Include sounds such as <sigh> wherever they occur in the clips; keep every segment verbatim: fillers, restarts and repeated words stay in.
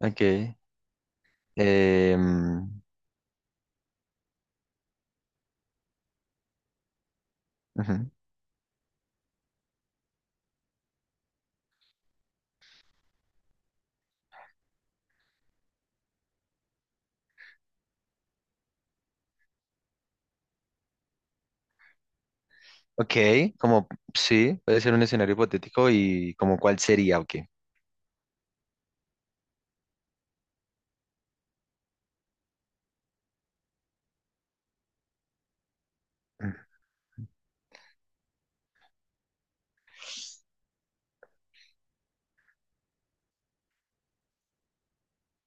Ok. em, Ujú. Ok, como sí, puede ser un escenario hipotético y como cuál sería, ok.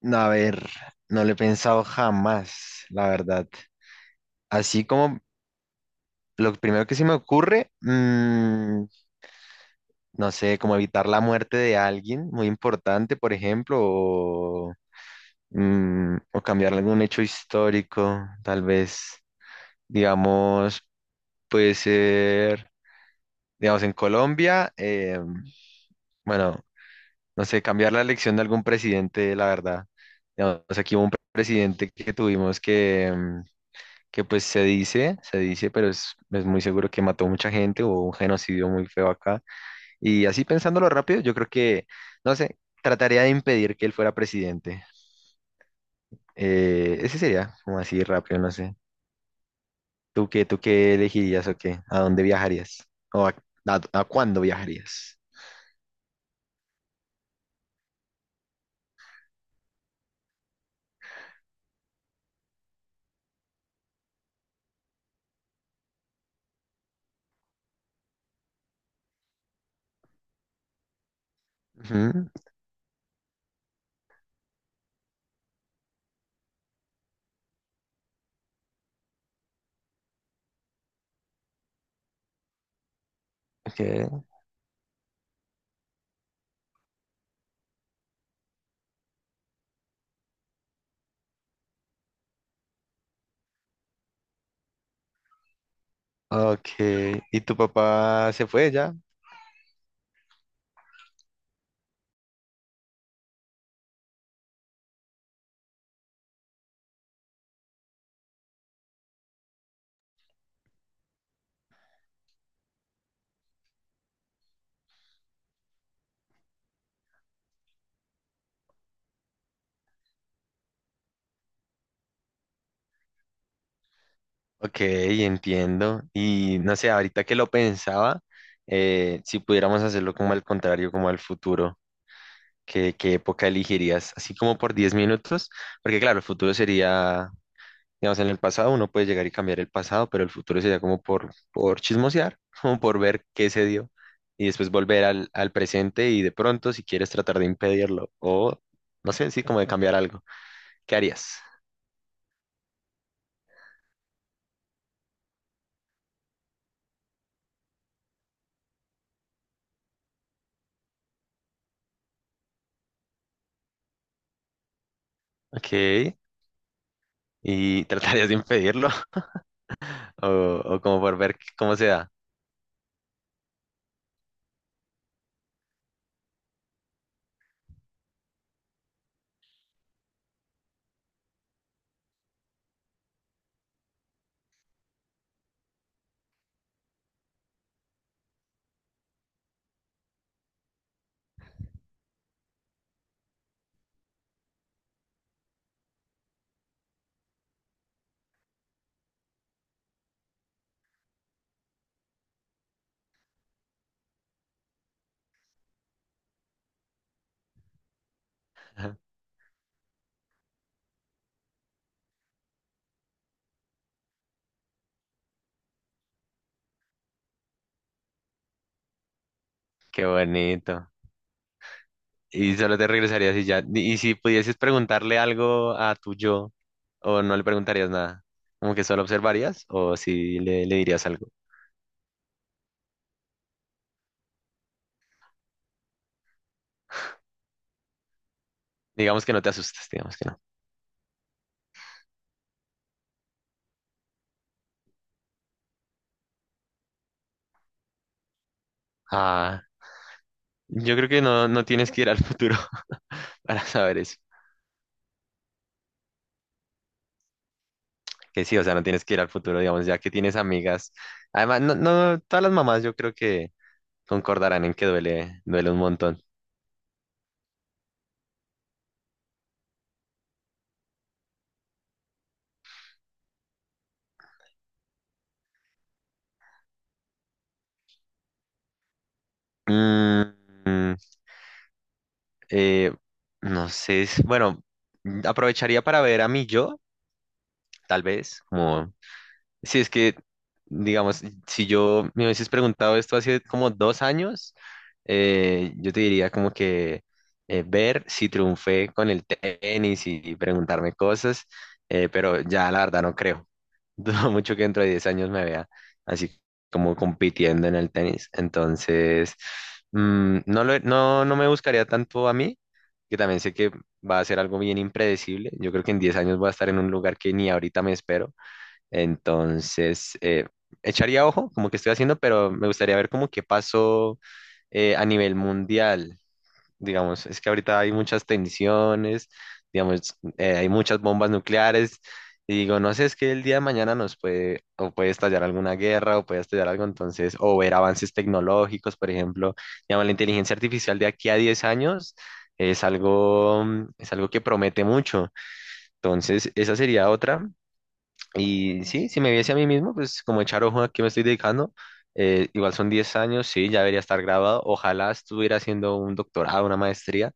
No, a ver, no lo he pensado jamás, la verdad. Así como lo primero que se me ocurre, mm, no sé, como evitar la muerte de alguien muy importante, por ejemplo, o, mm, o cambiar algún hecho histórico, tal vez, digamos, puede ser, digamos, en Colombia. em, Bueno, no sé, cambiar la elección de algún presidente, la verdad. Digamos, aquí hubo un presidente que tuvimos que, mm, que pues se dice, se dice, pero es, es muy seguro que mató mucha gente, hubo un genocidio muy feo acá. Y así pensándolo rápido, yo creo que, no sé, trataría de impedir que él fuera presidente. Eh, ese sería, como así rápido, no sé. ¿Tú qué, tú qué elegirías o qué? ¿A dónde viajarías? ¿O a, a- a cuándo viajarías? Ujú, ok, ok. ¿Y tu papá se fue ya? Ok, entiendo. Y no sé, ahorita que lo pensaba, eh, si pudiéramos hacerlo como al contrario, como al futuro, ¿qué, qué época elegirías? Así como por diez minutos, porque claro, el futuro sería, digamos, en el pasado uno puede llegar y cambiar el pasado, pero el futuro sería como por, por chismosear, <laughs> como por ver qué se dio y después volver al, al presente y de pronto, si quieres tratar de impedirlo o, no sé, sí, como de cambiar algo. ¿Qué harías? Ok, y <laughs> tratarías de impedirlo. O, o como por ver cómo se da. <laughs> Qué bonito. Y solo te regresarías y ya. Y si pudieses preguntarle algo a tu yo, o no le preguntarías nada, como que solo observarías, o si le, le dirías algo. Digamos que no te asustes, digamos que no. Ah, yo creo que no, no tienes que ir al futuro <laughs> para saber eso. Que sí, o sea, no tienes que ir al futuro, digamos, ya que tienes amigas. Además, no, no, todas las mamás yo creo que concordarán en que duele, duele un montón. Mm, Eh, no sé, es- bueno, aprovecharía para ver a mi yo, tal vez, como si es que, digamos, si yo me hubieses preguntado esto hace como dos años, eh, yo te diría como que eh, ver si triunfé con el tenis y preguntarme cosas, eh, pero ya la verdad no creo. <laughs> Dudo mucho que dentro de diez años me vea así como compitiendo en el tenis. Entonces, mm, no lo- no, no me buscaría tanto a mí, que también sé que va a ser algo bien impredecible. Yo creo que en diez años voy a estar en un lugar que ni ahorita me espero. Entonces, eh, echaría ojo como que estoy haciendo, pero me gustaría ver como qué pasó eh, a nivel mundial. Digamos, es que ahorita hay muchas tensiones, digamos, eh, hay muchas bombas nucleares. Y digo, no sé, es que el día de mañana nos puede, o puede estallar alguna guerra, o puede estallar algo, entonces, o ver avances tecnológicos, por ejemplo, digamos, la inteligencia artificial de aquí a diez años es algo, mm, es algo que promete mucho. Entonces, esa sería otra. Y sí, si me viese a mí mismo, pues como echar ojo a qué me estoy dedicando, eh, igual son diez años, sí, ya debería estar graduado. Ojalá estuviera haciendo un doctorado, una maestría,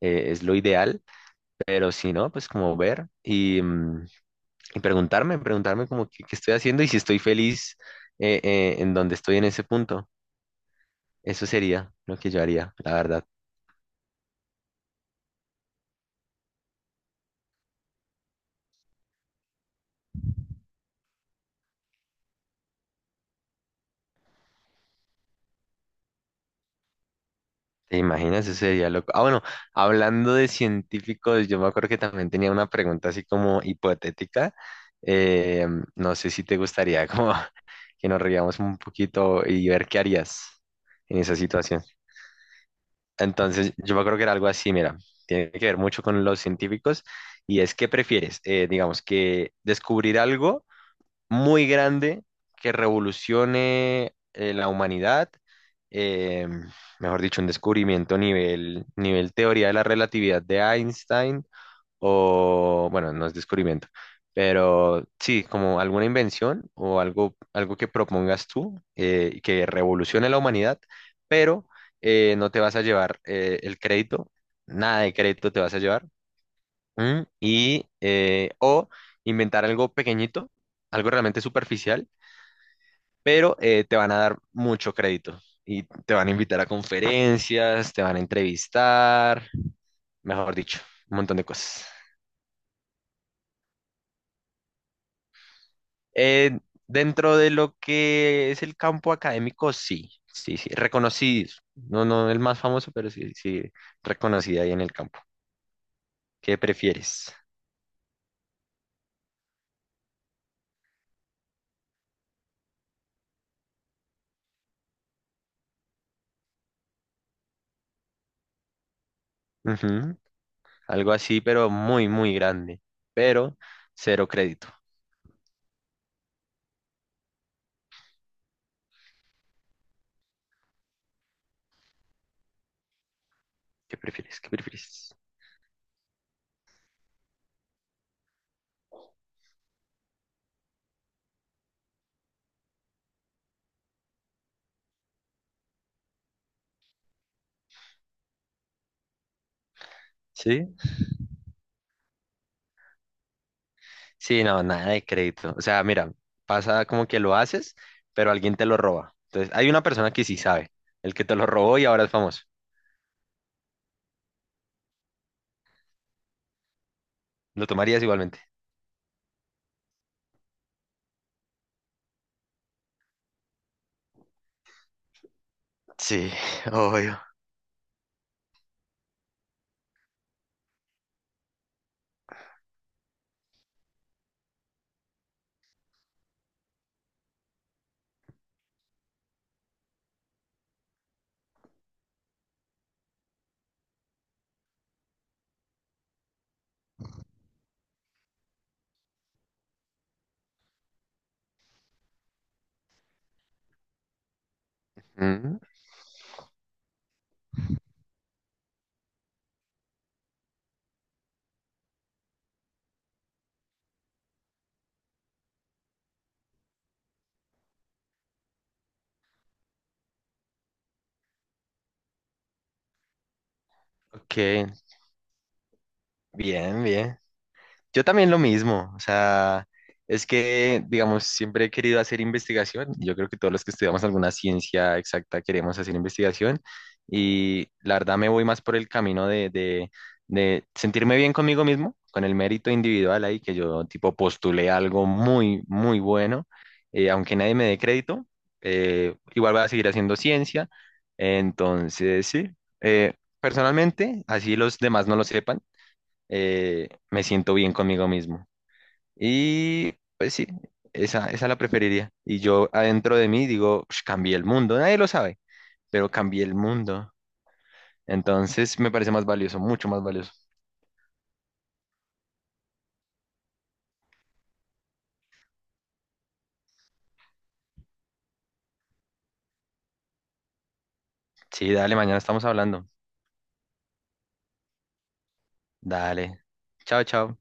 eh, es lo ideal, pero si no, pues como ver y, mm, y preguntarme, preguntarme como qué, qué estoy haciendo y si estoy feliz eh, eh, en donde estoy en ese punto. Eso sería lo que yo haría, la verdad. ¿Te imaginas? Eso sería loco. Ah, bueno, hablando de científicos, yo me acuerdo que también tenía una pregunta así como hipotética. Eh, no sé si te gustaría como <laughs> que nos riamos un poquito y ver qué harías en esa situación. Entonces, yo me acuerdo que era algo así, mira, tiene que ver mucho con los científicos y es qué prefieres. Eh, digamos, que descubrir algo muy grande que revolucione eh, la humanidad, eh, mejor dicho, un descubrimiento nivel, nivel teoría de la relatividad de Einstein, o bueno, no es descubrimiento, pero sí, como alguna invención o algo, algo que propongas tú eh, que revolucione la humanidad, pero eh, no te vas a llevar eh, el crédito, nada de crédito te vas a llevar, ¿m? Y, eh, o inventar algo pequeñito, algo realmente superficial pero eh, te van a dar mucho crédito y te van a invitar a conferencias, te van a entrevistar, mejor dicho, un montón de cosas. Eh, Dentro de lo que es el campo académico, sí, sí, sí, reconocido. No, no el más famoso, pero sí, sí, reconocido ahí en el campo. ¿Qué prefieres? Ujú. Algo así, pero muy, muy grande, pero cero crédito. ¿Qué prefieres? ¿Qué prefieres? ¿Sí? Sí, no, nada de crédito. O sea, mira, pasa como que lo haces, pero alguien te lo roba. Entonces, hay una persona que sí sabe, el que te lo robó y ahora es famoso. ¿Lo tomarías igualmente? Sí, obvio. Mm, ok, bien, bien. Yo también lo mismo, o sea, es que, digamos, siempre he querido hacer investigación. Yo creo que todos los que estudiamos alguna ciencia exacta queremos hacer investigación y la verdad me voy más por el camino de, de, de sentirme bien conmigo mismo, con el mérito individual ahí, que yo tipo postulé algo muy, muy bueno, eh, aunque nadie me dé crédito, eh, igual voy a seguir haciendo ciencia. Entonces, sí, eh, personalmente, así los demás no lo sepan eh, me siento bien conmigo mismo. Y pues sí, esa, esa la preferiría. Y yo adentro de mí digo: "Ush, cambié el mundo, nadie lo sabe, pero cambié el mundo". Entonces me parece más valioso, mucho más valioso. Sí, dale, mañana estamos hablando. Dale. Chao, chao.